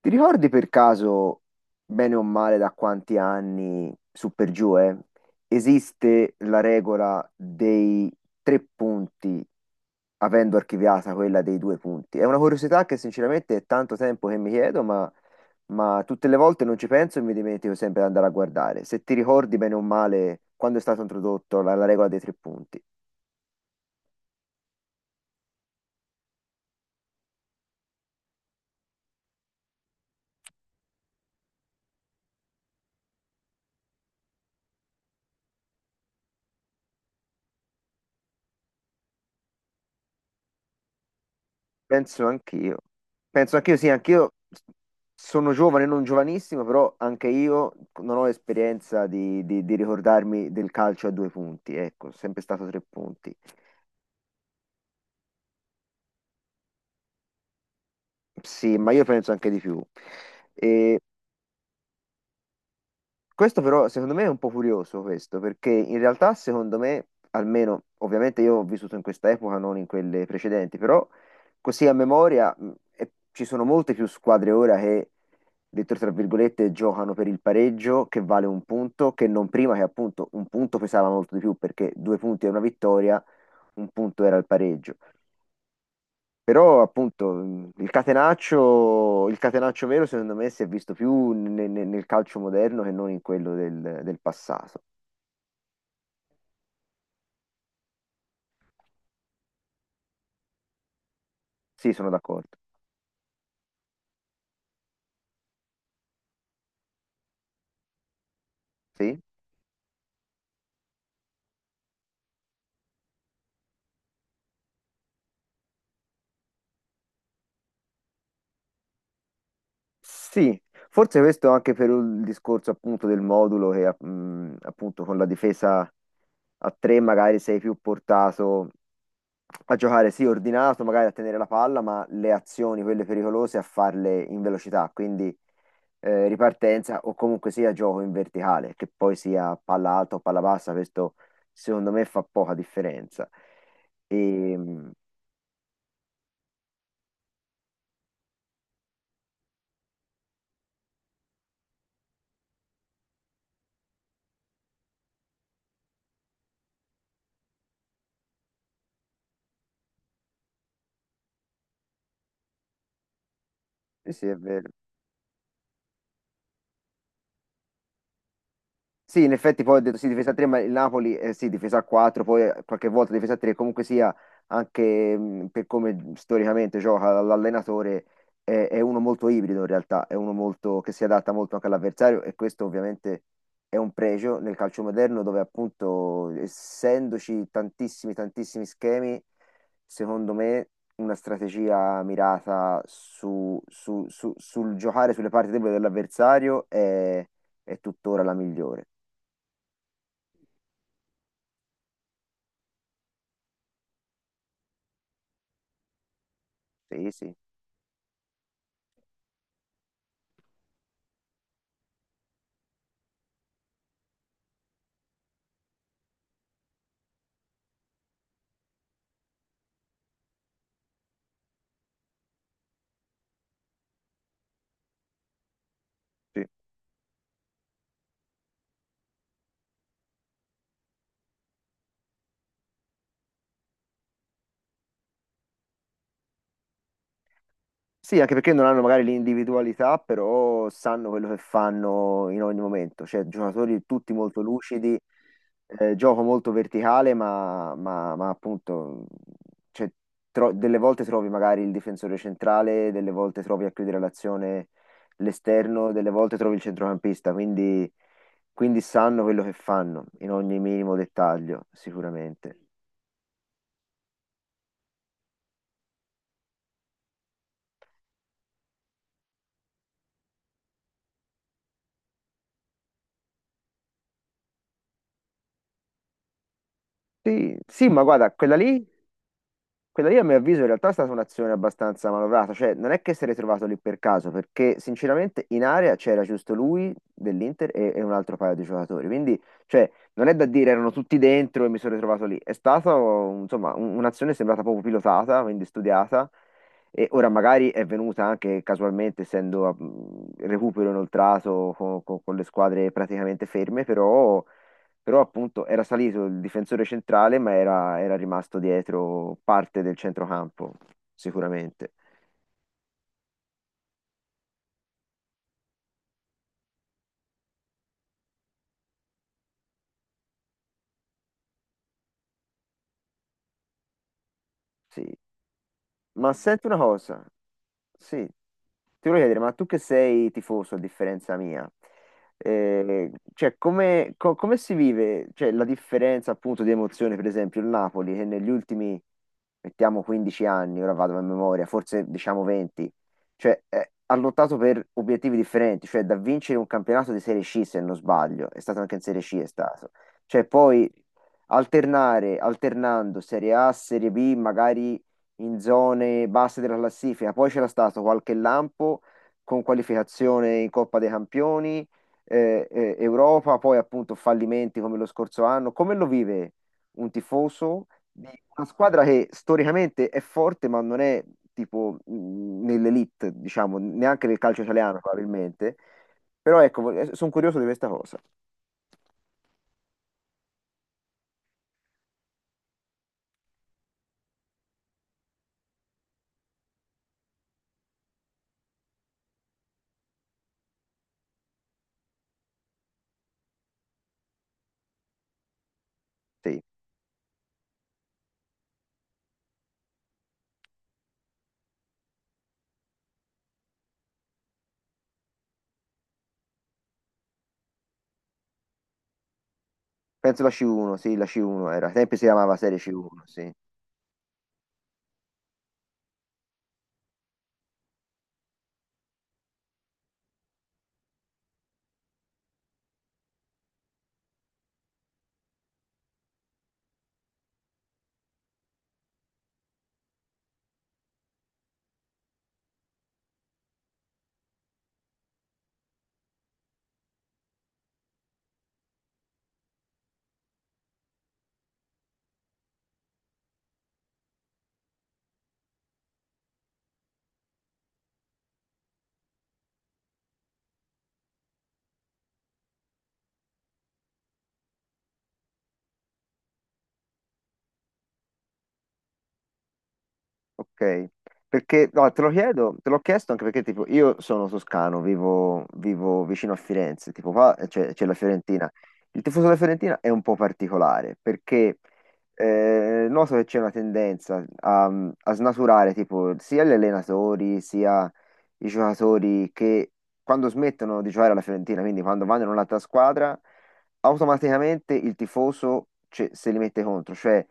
Ti ricordi per caso, bene o male, da quanti anni, su per giù, esiste la regola dei tre punti, avendo archiviata quella dei due punti? È una curiosità che sinceramente è tanto tempo che mi chiedo, ma tutte le volte non ci penso e mi dimentico sempre di andare a guardare. Se ti ricordi bene o male, quando è stata introdotta la regola dei tre punti? Penso anch'io. Penso anch'io, sì, anch'io sono giovane, non giovanissimo, però anche io non ho esperienza di ricordarmi del calcio a due punti, ecco, sempre stato tre punti. Sì, ma io penso anche di più. E Questo però secondo me è un po' curioso questo, perché in realtà secondo me, almeno ovviamente io ho vissuto in questa epoca, non in quelle precedenti, però così a memoria ci sono molte più squadre ora che, detto tra virgolette, giocano per il pareggio che vale un punto, che non prima che appunto un punto pesava molto di più perché due punti era una vittoria, un punto era il pareggio. Però appunto il catenaccio vero secondo me si è visto più nel calcio moderno che non in quello del passato. Sì, sono d'accordo. Sì? Sì, forse questo anche per il discorso appunto del modulo che appunto con la difesa a tre magari sei più portato a giocare sì ordinato, magari a tenere la palla, ma le azioni, quelle pericolose, a farle in velocità. Quindi ripartenza o comunque sia gioco in verticale, che poi sia palla alta o palla bassa, questo secondo me fa poca differenza. E, mm, sì, sì, è vero. Sì, in effetti poi ho detto sì, difesa a 3, ma il Napoli sì, difesa a 4, poi qualche volta difesa a 3, comunque sia anche per come storicamente gioca l'allenatore, è uno molto ibrido in realtà, è uno molto, che si adatta molto anche all'avversario e questo ovviamente è un pregio nel calcio moderno dove appunto essendoci tantissimi, tantissimi schemi, secondo me una strategia mirata sul giocare sulle parti deboli dell'avversario è tuttora la migliore. Sì, sì, sì. Sì, anche perché non hanno magari l'individualità, però sanno quello che fanno in ogni momento. Cioè, giocatori tutti molto lucidi, gioco molto verticale, ma appunto, cioè, delle volte trovi magari il difensore centrale, delle volte trovi a chiudere l'azione l'esterno, delle volte trovi il centrocampista, quindi sanno quello che fanno in ogni minimo dettaglio, sicuramente. Sì, sì, ma guarda, quella lì a mio avviso in realtà è stata un'azione abbastanza manovrata, cioè non è che si è ritrovato lì per caso, perché sinceramente in area c'era giusto lui dell'Inter e un altro paio di giocatori, quindi cioè, non è da dire erano tutti dentro e mi sono ritrovato lì, è stata insomma un'azione sembrata proprio pilotata, quindi studiata, e ora magari è venuta anche casualmente, essendo recupero inoltrato con le squadre praticamente ferme, però però appunto era salito il difensore centrale, ma era rimasto dietro parte del centrocampo, sicuramente. Sì, ma senti una cosa, sì, ti voglio chiedere, ma tu che sei tifoso a differenza mia, cioè come si vive, cioè, la differenza appunto di emozione, per esempio il Napoli che negli ultimi, mettiamo 15 anni, ora vado a memoria, forse diciamo 20, cioè ha lottato per obiettivi differenti, cioè da vincere un campionato di Serie C se non sbaglio, è stato anche in Serie C è stato, cioè poi alternare, alternando Serie A, Serie B, magari in zone basse della classifica. Poi c'era stato qualche lampo con qualificazione in Coppa dei Campioni, Europa, poi appunto fallimenti come lo scorso anno. Come lo vive un tifoso di una squadra che storicamente è forte, ma non è tipo nell'elite, diciamo, neanche nel calcio italiano probabilmente. Però ecco, sono curioso di questa cosa. Sì, penso la C1, sì, la C1 era. Ai tempi si chiamava Serie C1, sì. Ok, perché no, te lo chiedo, te l'ho chiesto anche perché tipo io sono toscano, vivo vicino a Firenze, tipo qua c'è la Fiorentina. Il tifoso della Fiorentina è un po' particolare perché noto che c'è una tendenza a snaturare tipo sia gli allenatori sia i giocatori che quando smettono di giocare alla Fiorentina, quindi quando vanno in un'altra squadra, automaticamente il tifoso se li mette contro, cioè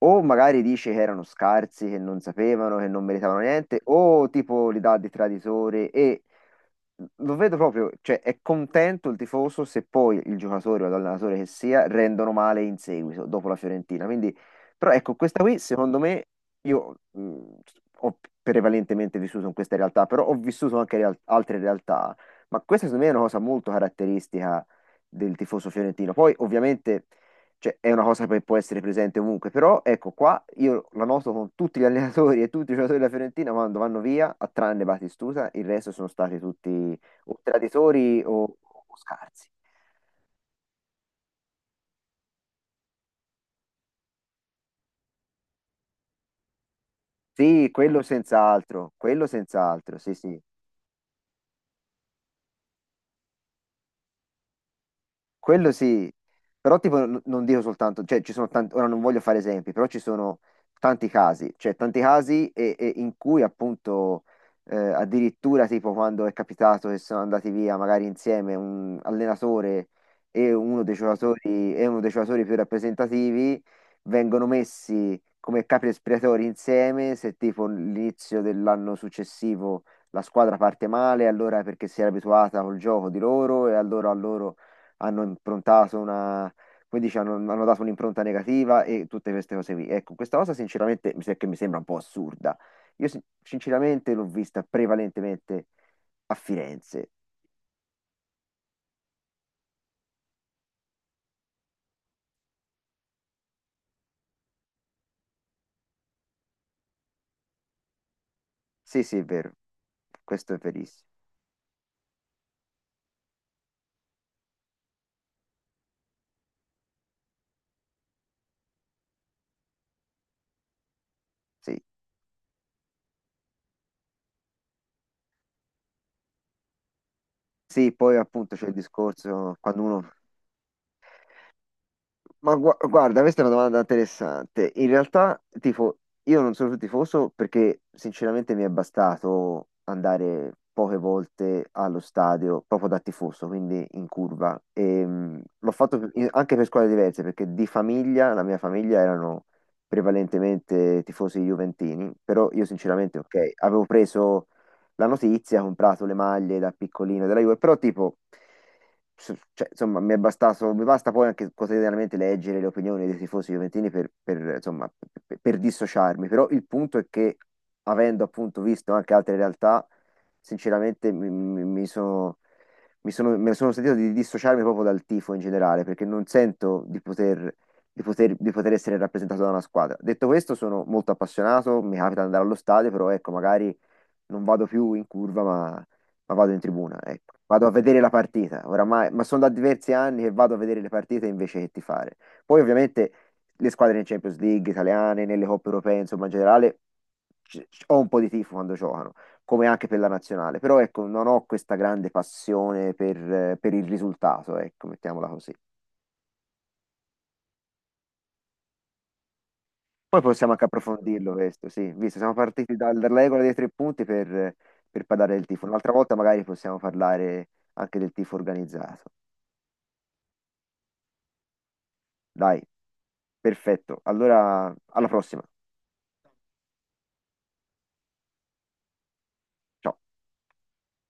o magari dice che erano scarsi, che non sapevano, che non meritavano niente, o tipo li dà di traditore e lo vedo proprio, cioè è contento il tifoso se poi il giocatore o l'allenatore che sia rendono male in seguito, dopo la Fiorentina. Quindi, però ecco, questa qui secondo me io ho prevalentemente vissuto in questa realtà, però ho vissuto anche altre realtà, ma questa secondo me è una cosa molto caratteristica del tifoso fiorentino. Poi ovviamente cioè, è una cosa che può essere presente ovunque, però ecco qua io la noto con tutti gli allenatori e tutti i giocatori della Fiorentina quando vanno via, a tranne Batistuta, il resto sono stati tutti o traditori o scarsi. Sì, quello senz'altro, sì, sì. Quello sì, però tipo non dico soltanto, cioè ci sono tanti, ora non voglio fare esempi, però ci sono tanti casi, cioè tanti casi e in cui appunto addirittura tipo quando è capitato che sono andati via magari insieme un allenatore e uno dei giocatori, e uno dei giocatori più rappresentativi vengono messi come capi espiatori insieme se tipo l'inizio dell'anno successivo la squadra parte male, allora è perché si era abituata col gioco di loro e allora a loro hanno improntato una, come dici, hanno dato un'impronta negativa e tutte queste cose qui. Ecco, questa cosa sinceramente mi, se- che mi sembra un po' assurda. Io sinceramente l'ho vista prevalentemente a Firenze. Sì, sì, è vero. Questo è verissimo. Sì. Sì, poi appunto c'è il discorso quando uno... Ma guarda, questa è una domanda interessante. In realtà, tipo, io non sono più tifoso perché sinceramente mi è bastato andare poche volte allo stadio proprio da tifoso, quindi in curva. L'ho fatto anche per squadre diverse perché di famiglia, la mia famiglia erano prevalentemente tifosi juventini, però io sinceramente, ok, avevo preso la notizia, ha comprato le maglie da piccolino della Juve, però tipo, cioè, insomma, mi è bastato, mi basta poi anche quotidianamente leggere le opinioni dei tifosi juventini insomma, per dissociarmi, però il punto è che avendo appunto visto anche altre realtà, sinceramente mi sono... Mi sono, me ne sono sentito di dissociarmi proprio dal tifo in generale, perché non sento di poter, di poter essere rappresentato da una squadra. Detto questo, sono molto appassionato, mi capita di andare allo stadio, però ecco, magari non vado più in curva, ma vado in tribuna, ecco. Vado a vedere la partita, oramai, ma sono da diversi anni che vado a vedere le partite invece che tifare. Poi ovviamente le squadre in Champions League italiane, nelle coppe europee, insomma in generale ho un po' di tifo quando giocano, come anche per la nazionale, però ecco, non ho questa grande passione per il risultato, ecco, mettiamola così. Poi possiamo anche approfondirlo questo, sì, visto, siamo partiti dalla regola dei tre punti per parlare del tifo. Un'altra volta magari possiamo parlare anche del tifo organizzato. Dai, perfetto. Allora, alla prossima. Ciao.